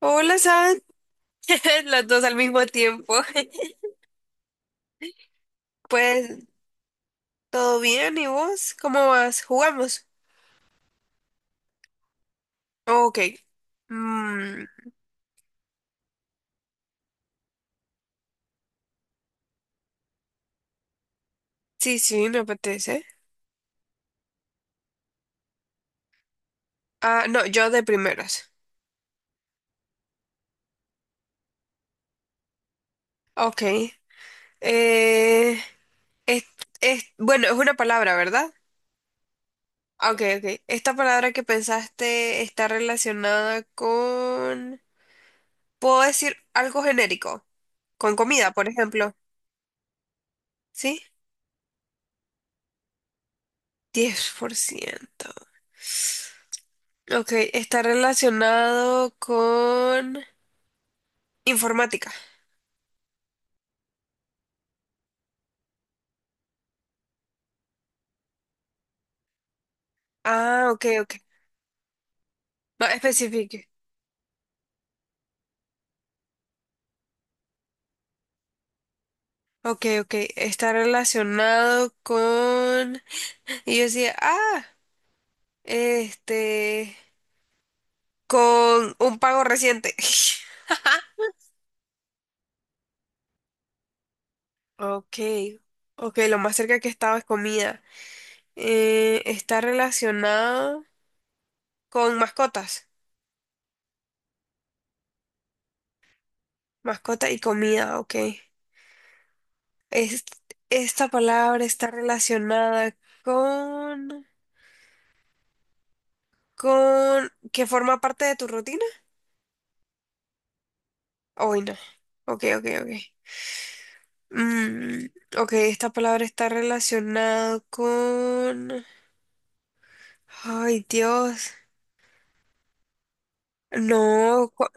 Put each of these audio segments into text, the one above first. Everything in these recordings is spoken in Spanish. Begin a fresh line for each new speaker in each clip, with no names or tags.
Hola, ¿sabes? las dos al mismo tiempo. Pues, ¿todo bien? ¿Y vos? ¿Cómo vas? ¿Jugamos? Ok. Mm, sí, sí, me apetece. Ah, no, yo de primeras. Ok. Eh, es, bueno, es una palabra, ¿verdad? Ok, ok. Esta palabra que pensaste está relacionada con... ¿Puedo decir algo genérico? Con comida, por ejemplo. ¿Sí? 10%. Ok, está relacionado con informática. Ah, ok, ok. Más específico. Ok, ok. Está relacionado con... Y yo decía, ah, este, con un pago reciente. Ok, ok, lo más cerca que estaba es comida. Está relacionado con mascotas. Mascota y comida, ok. Es- esta palabra está relacionada con... con que forma parte de tu rutina. Hoy no. Ok, ok, ok. Mm, ok, esta palabra está relacionada con... Ay, Dios. No.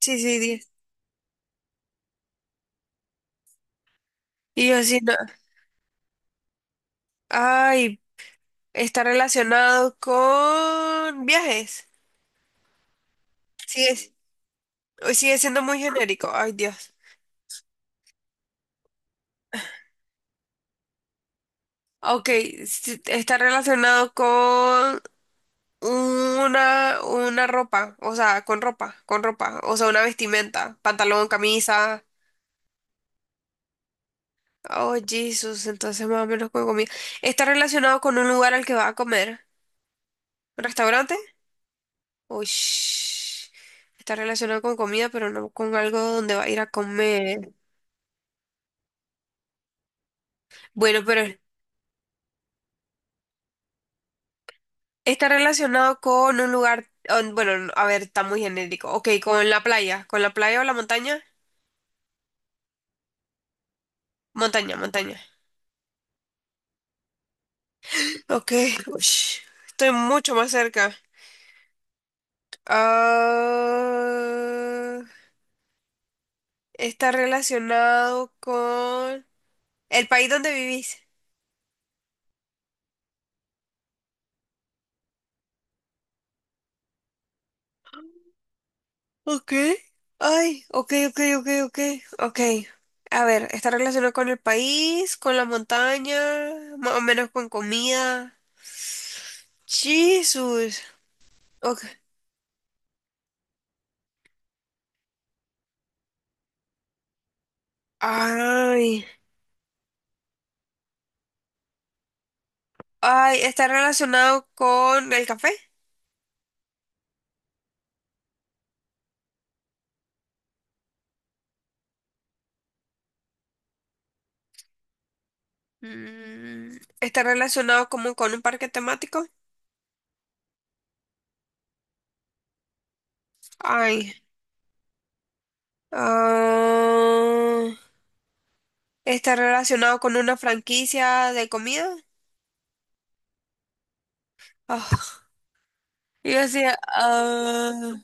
Sí, sí, diez. Y yo así no. Ay, está relacionado con viajes. Sigue, sigue siendo muy genérico. Ay, Dios. Ok, sí, está relacionado. Una ropa, o sea, con ropa, o sea, una vestimenta, pantalón, camisa. Oh, Jesús, entonces más o menos con comida. ¿Está relacionado con un lugar al que va a comer? ¿Un restaurante? Uy, está relacionado con comida, pero no con algo donde va a ir a comer. Bueno, pero está relacionado con un lugar, bueno, no, a ver, está muy genérico. Ok, con la playa o la montaña. Montaña, montaña. Ok, uy, estoy mucho más cerca. Ah, está relacionado con el país donde vivís. Ok. Ay, ok, ok, ok, ok, ok. A ver, está relacionado con el país, con la montaña, más o menos con comida. Jesús. Ok. Ay. Ay, está relacionado con el café. Mm, está relacionado como con un parque temático. Ay. Ah, está relacionado con una franquicia de comida. Ah, y yo decía, ah,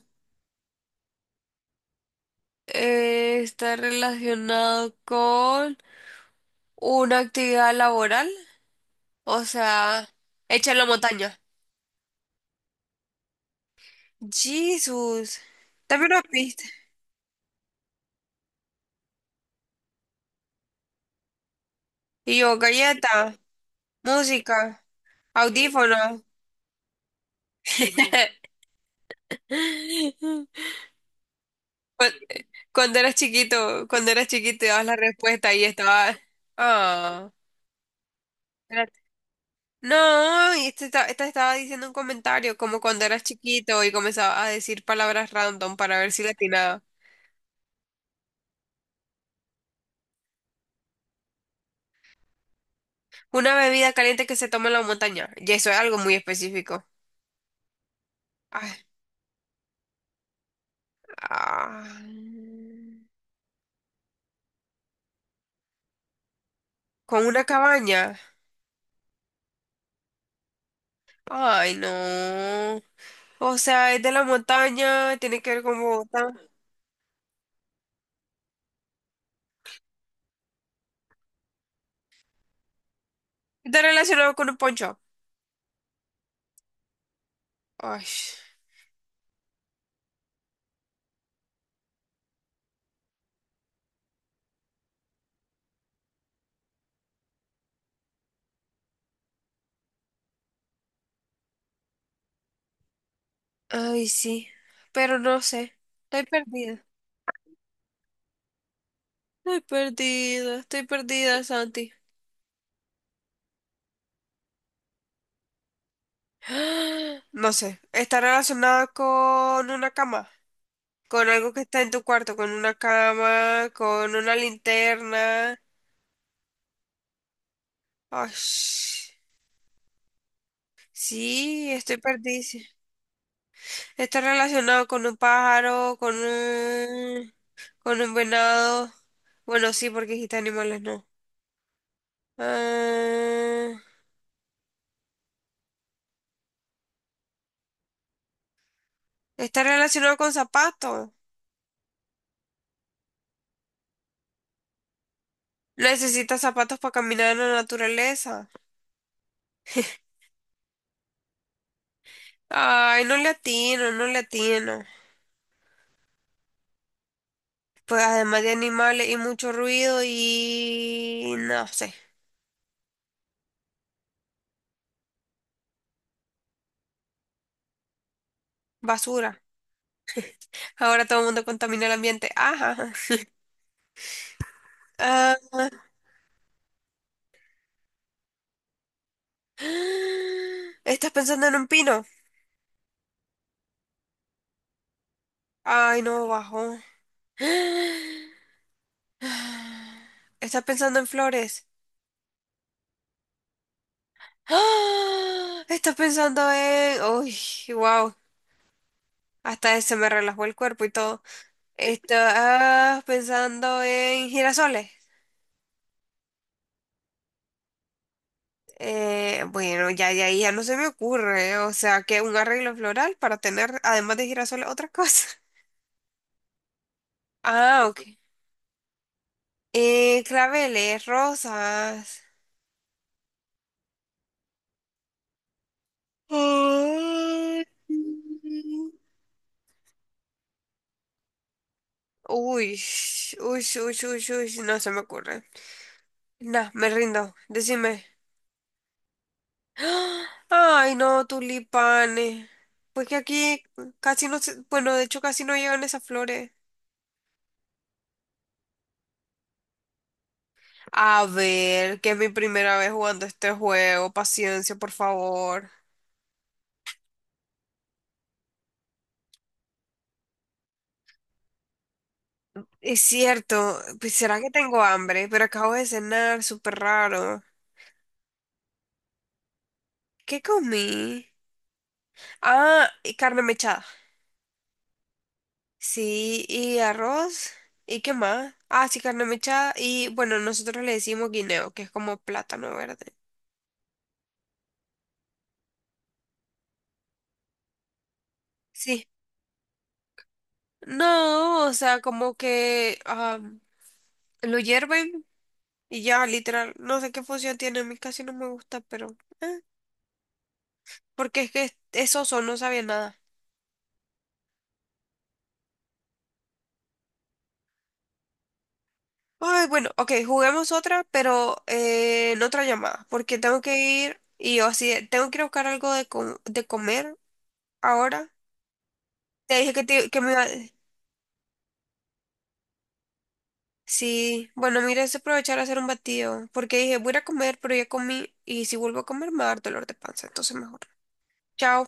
está relacionado con una actividad laboral. O sea, hecha en la montaña. Jesús. También una pista. Y yo, galleta, música, audífono. Cu- cuando eras chiquito, dabas la respuesta y estaba. Ah. No, y este esta estaba diciendo un comentario, como cuando eras chiquito y comenzaba a decir palabras random para ver si le atinaba. Una bebida caliente que se toma en la montaña. Y eso es algo muy específico. Ay, ah, con una cabaña. Ay, no. O sea, es de la montaña, tiene que ver con Bogotá. Está relacionado con un poncho. Ay, ay, sí. Pero no sé. Estoy perdida. Estoy perdida. Estoy perdida, Santi. No sé, está relacionada con una cama, con algo que está en tu cuarto, con una cama, con una linterna. Ay, sí, estoy perdida. Está relacionado con un pájaro, con un venado. Bueno, sí, porque dijiste animales, no. Ah, está relacionado con zapatos. Necesita zapatos para caminar en la naturaleza. Ay, no le atino, no le atino. Pues además de animales y mucho ruido y no sé, basura. Ahora todo el mundo contamina el ambiente. Ajá. Ah, ¿estás pensando en un pino? Ay, no, bajo. ¿Estás pensando en flores? ¡Ah! ¿Estás pensando en... Uy, wow. Hasta ese me relajó el cuerpo y todo. ¿Estás pensando en girasoles? Bueno, ya de ahí ya no se me ocurre, ¿eh? O sea, que un arreglo floral para tener, además de girasoles, otra cosa. Ah, ok. Claveles, rosas. Ay. Uy, uy, uy, uy, uy, no se me ocurre. Nah, me rindo, decime. ¡Ah! Ay, no, tulipanes. Pues que aquí casi no se, bueno, de hecho casi no llevan esas flores. A ver, que es mi primera vez jugando este juego. Paciencia, por favor. Es cierto, pues será que tengo hambre, pero acabo de cenar, súper raro. ¿Qué comí? Ah, y carne mechada. Sí, y arroz. ¿Y qué más? Ah, sí, carne mechada. Y bueno, nosotros le decimos guineo, que es como plátano verde. Sí. No, o sea, como que ah, lo hierven y ya, literal. No sé qué función tiene, a mí casi no me gusta, pero... eh. Porque es que esos son, no sabía nada. Ay, bueno, ok, juguemos otra, pero en otra llamada, porque tengo que ir y yo así, de, tengo que ir a buscar algo de, de comer ahora. Te dije que, que me iba... Sí, bueno, mira, es aprovechar a hacer un batido, porque dije, voy a ir a comer, pero ya comí y si vuelvo a comer me va a dar dolor de panza, entonces mejor. Chao.